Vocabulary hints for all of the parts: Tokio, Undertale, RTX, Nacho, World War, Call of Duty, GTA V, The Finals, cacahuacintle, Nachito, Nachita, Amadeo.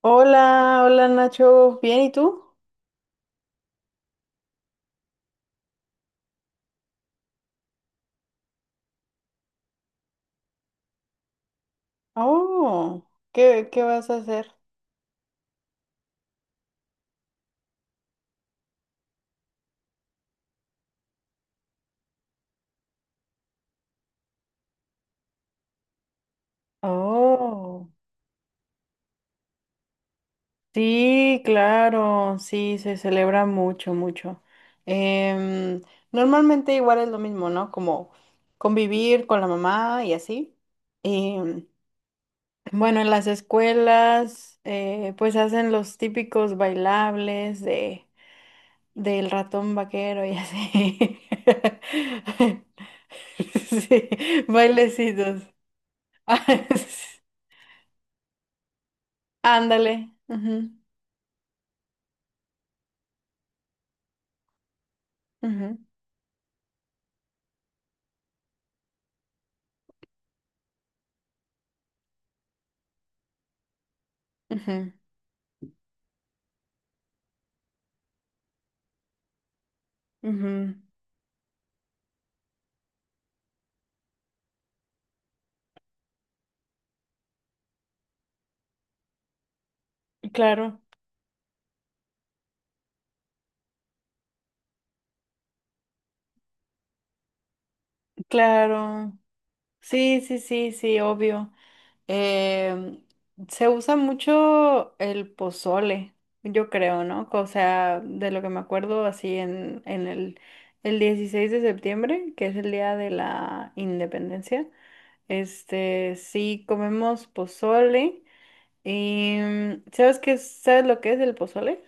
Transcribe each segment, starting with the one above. Hola, hola Nacho, ¿bien y tú? Oh, ¿qué vas a hacer? Oh, sí, claro, sí, se celebra mucho, mucho. Em, Normalmente igual es lo mismo, ¿no? Como convivir con la mamá y así. Em, bueno, en las escuelas, pues hacen los típicos bailables de ...del ratón vaquero y así. Sí, bailecitos. Ah, Ándale. Ujú, ujú, ujú, ujú. Claro, claro. Sí, sí, sí, sí, obvio. Em, Se usa mucho el pozole, yo creo, ¿no? O sea, de lo que me acuerdo así en el 16 de septiembre, que es el día de la independencia. Este, sí, comemos pozole. Y, mm, ¿sabes qué? ¿Sabes lo que es el pozole?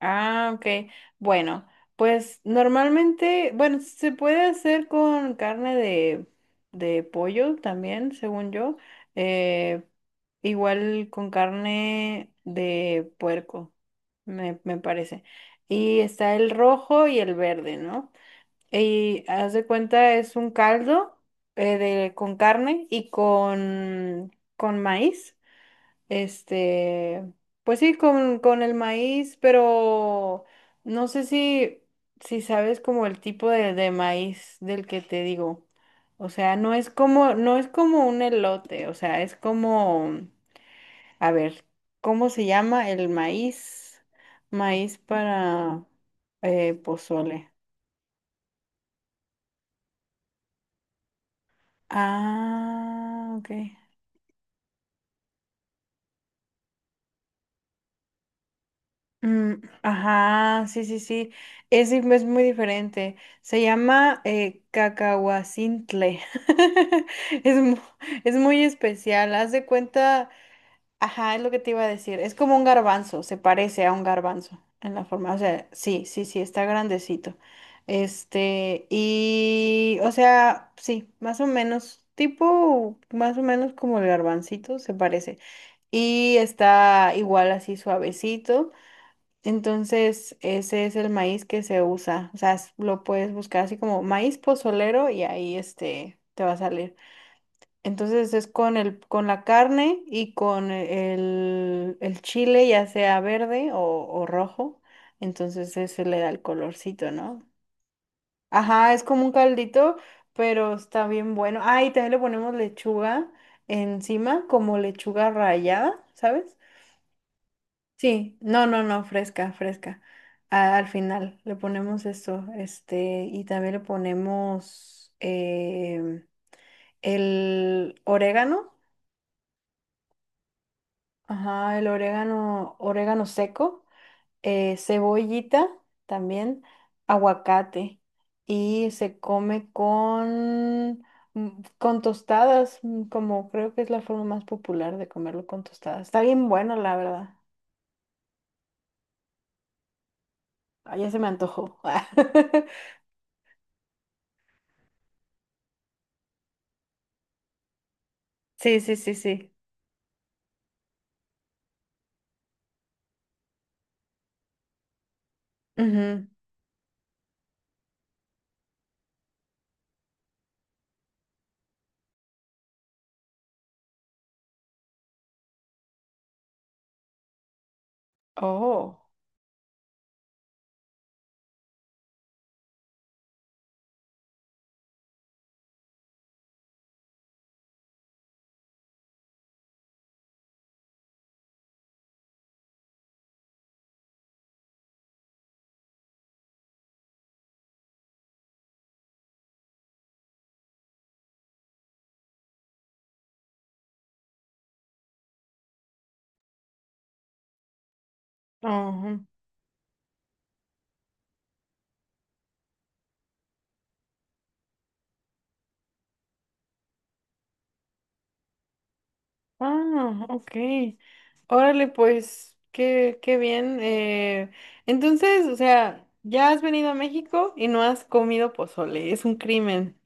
Ah, ok. Bueno, pues normalmente, bueno, se puede hacer con carne de pollo también, según yo. eh, igual con carne de puerco, me parece. Y está el rojo y el verde, ¿no? Y haz de cuenta, es un caldo con carne con maíz. Este, pues sí, con el maíz, pero no sé si sabes como el tipo de maíz del que te digo. O sea, no es como un elote, o sea, es como, a ver, ¿cómo se llama el maíz? Maíz para pozole. Ah, ok. Mm, ajá, sí, sí, sí. Es, es muy diferente. Se llama cacahuacintle. Es, es muy especial. Haz de cuenta, ajá, es lo que te iba a decir. Es como un garbanzo, se parece a un garbanzo en la forma. O sea, sí, sí, sí, está grandecito. Este, y, o sea, sí, más o menos, tipo, más o menos como el garbancito, se parece. Y está igual así suavecito. Entonces, ese es el maíz que se usa. O sea, lo puedes buscar así como maíz pozolero y ahí este te va a salir. Entonces es con el, con la carne y con el chile, ya sea verde o rojo. Entonces ese le da el colorcito, ¿no? Ajá, es como un caldito, pero está bien bueno. Ah, y también le ponemos lechuga encima, como lechuga rallada, ¿sabes? Sí, no, no, no, fresca, fresca. Al final le ponemos eso, este, y también le ponemos el orégano, ajá, el orégano, orégano seco, cebollita también, aguacate, y se come con, mm, con tostadas, mm, como creo que es la forma más popular de comerlo con tostadas. Está bien bueno, la verdad. Ah, ya se me antojó. Sí, sí, sí, sí. Ujú. Oh, ajá. Ah, ok. Órale, pues, qué bien. Entonces, o sea, ya has venido a México y no has comido pozole, es un crimen.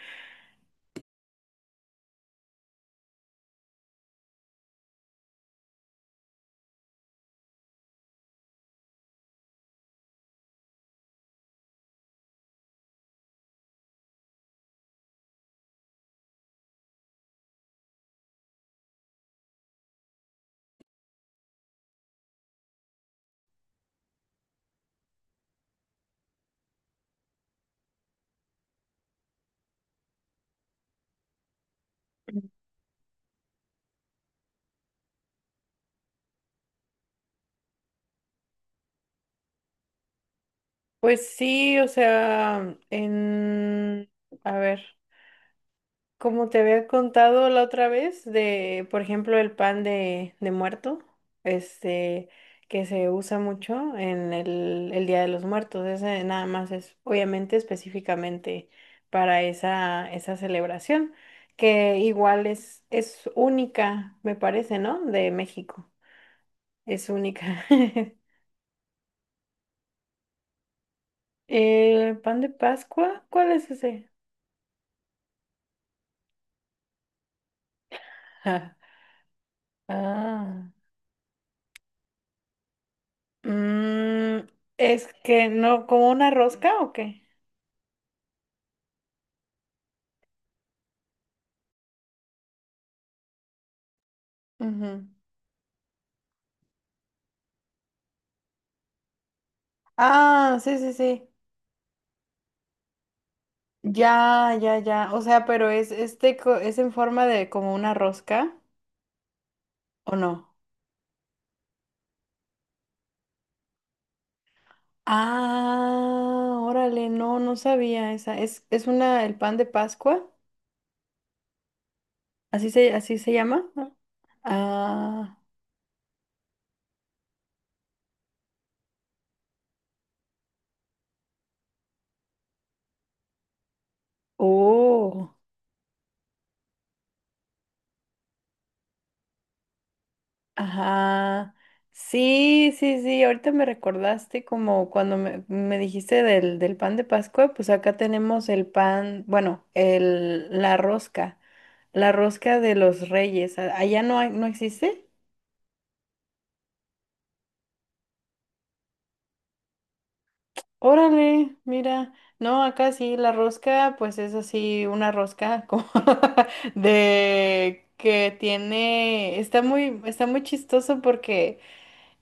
Pues sí, o sea, en... A ver. Como te había contado la otra vez de, por ejemplo, el pan de muerto, este, que se usa mucho en el Día de los Muertos. Ese nada más es, obviamente, específicamente para esa, esa celebración, que igual es única, me parece, ¿no? De México. Es única. ¿El pan de Pascua? ¿Cuál es ese? Ah. Ah. Mm, es que no, ¿como una rosca o qué? Ujú. Ah, sí, sí, sí. Ya, ya, ya. O sea, pero es este es en forma de como una rosca, ¿o no? Ah, órale, no, no sabía esa. Es una, el pan de Pascua. Así se llama. Ah, oh. Ajá. Sí, sí, sí. Ahorita me recordaste como cuando me dijiste del, del pan de Pascua, pues acá tenemos el pan, bueno, el, la rosca de los reyes. Allá no no existe. Órale, mira. No, acá sí, la rosca, pues es así, una rosca como de que tiene, está muy chistoso porque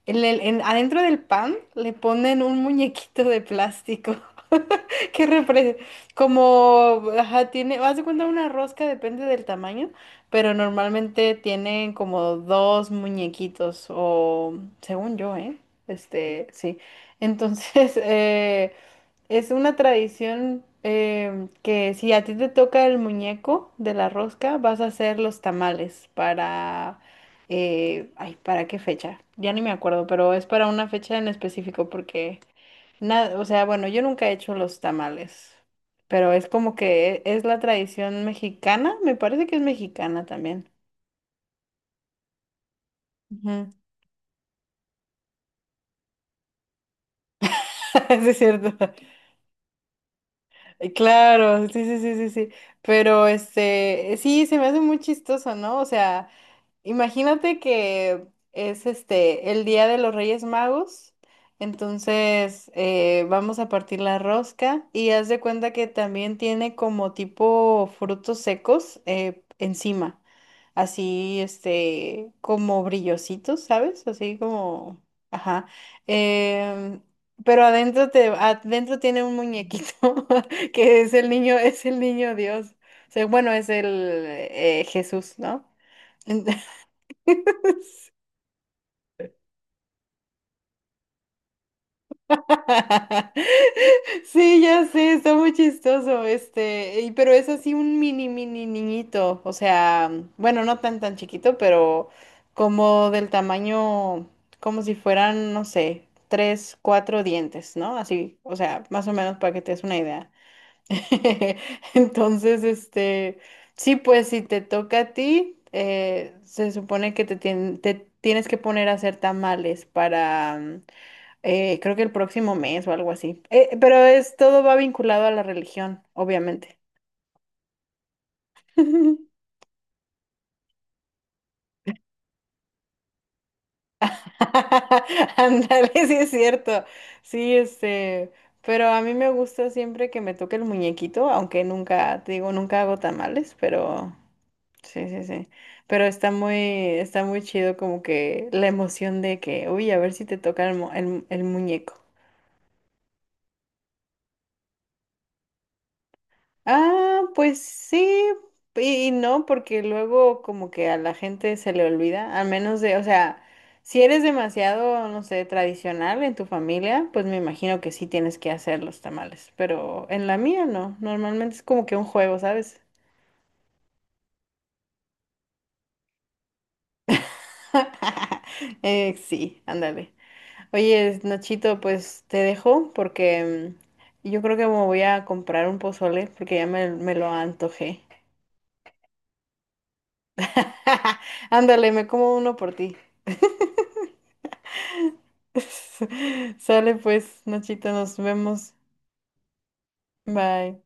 en adentro del pan le ponen un muñequito de plástico que como, ajá, tiene, haz de cuenta una rosca, depende del tamaño, pero normalmente tienen como dos muñequitos o, según yo, ¿eh? Este, sí. Entonces, es una tradición que si a ti te toca el muñeco de la rosca, vas a hacer los tamales para... ay, ¿para qué fecha? Ya ni me acuerdo, pero es para una fecha en específico porque... Nada, o sea, bueno, yo nunca he hecho los tamales, pero es como que es la tradición mexicana, me parece que es mexicana también. Ujú. Sí, es cierto. Claro, sí, sí, sí, sí, sí. Pero este, sí, se me hace muy chistoso, ¿no? O sea... Imagínate que es este el Día de los Reyes Magos, entonces vamos a partir la rosca y haz de cuenta que también tiene como tipo frutos secos encima, así este como brillositos, ¿sabes? Así como, ajá. em, pero adentro te, adentro tiene un muñequito que es el niño Dios, o sea, bueno, es el Jesús, ¿no? Sí, ya sé, está muy chistoso, este, pero es así un mini, mini niñito, o sea, bueno, no tan, tan chiquito, pero como del tamaño, como si fueran, no sé, tres, cuatro dientes, ¿no? Así, o sea, más o menos para que te des una idea. Entonces, este, sí, pues si te toca a ti, se supone que te tienes que poner a hacer tamales para creo que el próximo mes o algo así. Pero es todo va vinculado a la religión, obviamente. Ándale, sí es cierto. Sí, este, pero a mí me gusta siempre que me toque el muñequito, aunque nunca, te digo, nunca hago tamales, pero sí, sí, sí. Pero está muy chido como que la emoción de que, uy, a ver si te toca el, el muñeco. Ah, pues sí y no, porque luego como que a la gente se le olvida, al menos de, o sea, si eres demasiado, no sé, tradicional en tu familia, pues me imagino que sí tienes que hacer los tamales, pero en la mía no, normalmente es como que un juego, ¿sabes? Sí, ándale. Oye, Nachito, pues te dejo porque mm, yo creo que me voy a comprar un pozole porque ya me lo antojé. Ándale, me como uno por ti. Sale pues, Nachita, nos vemos. Bye.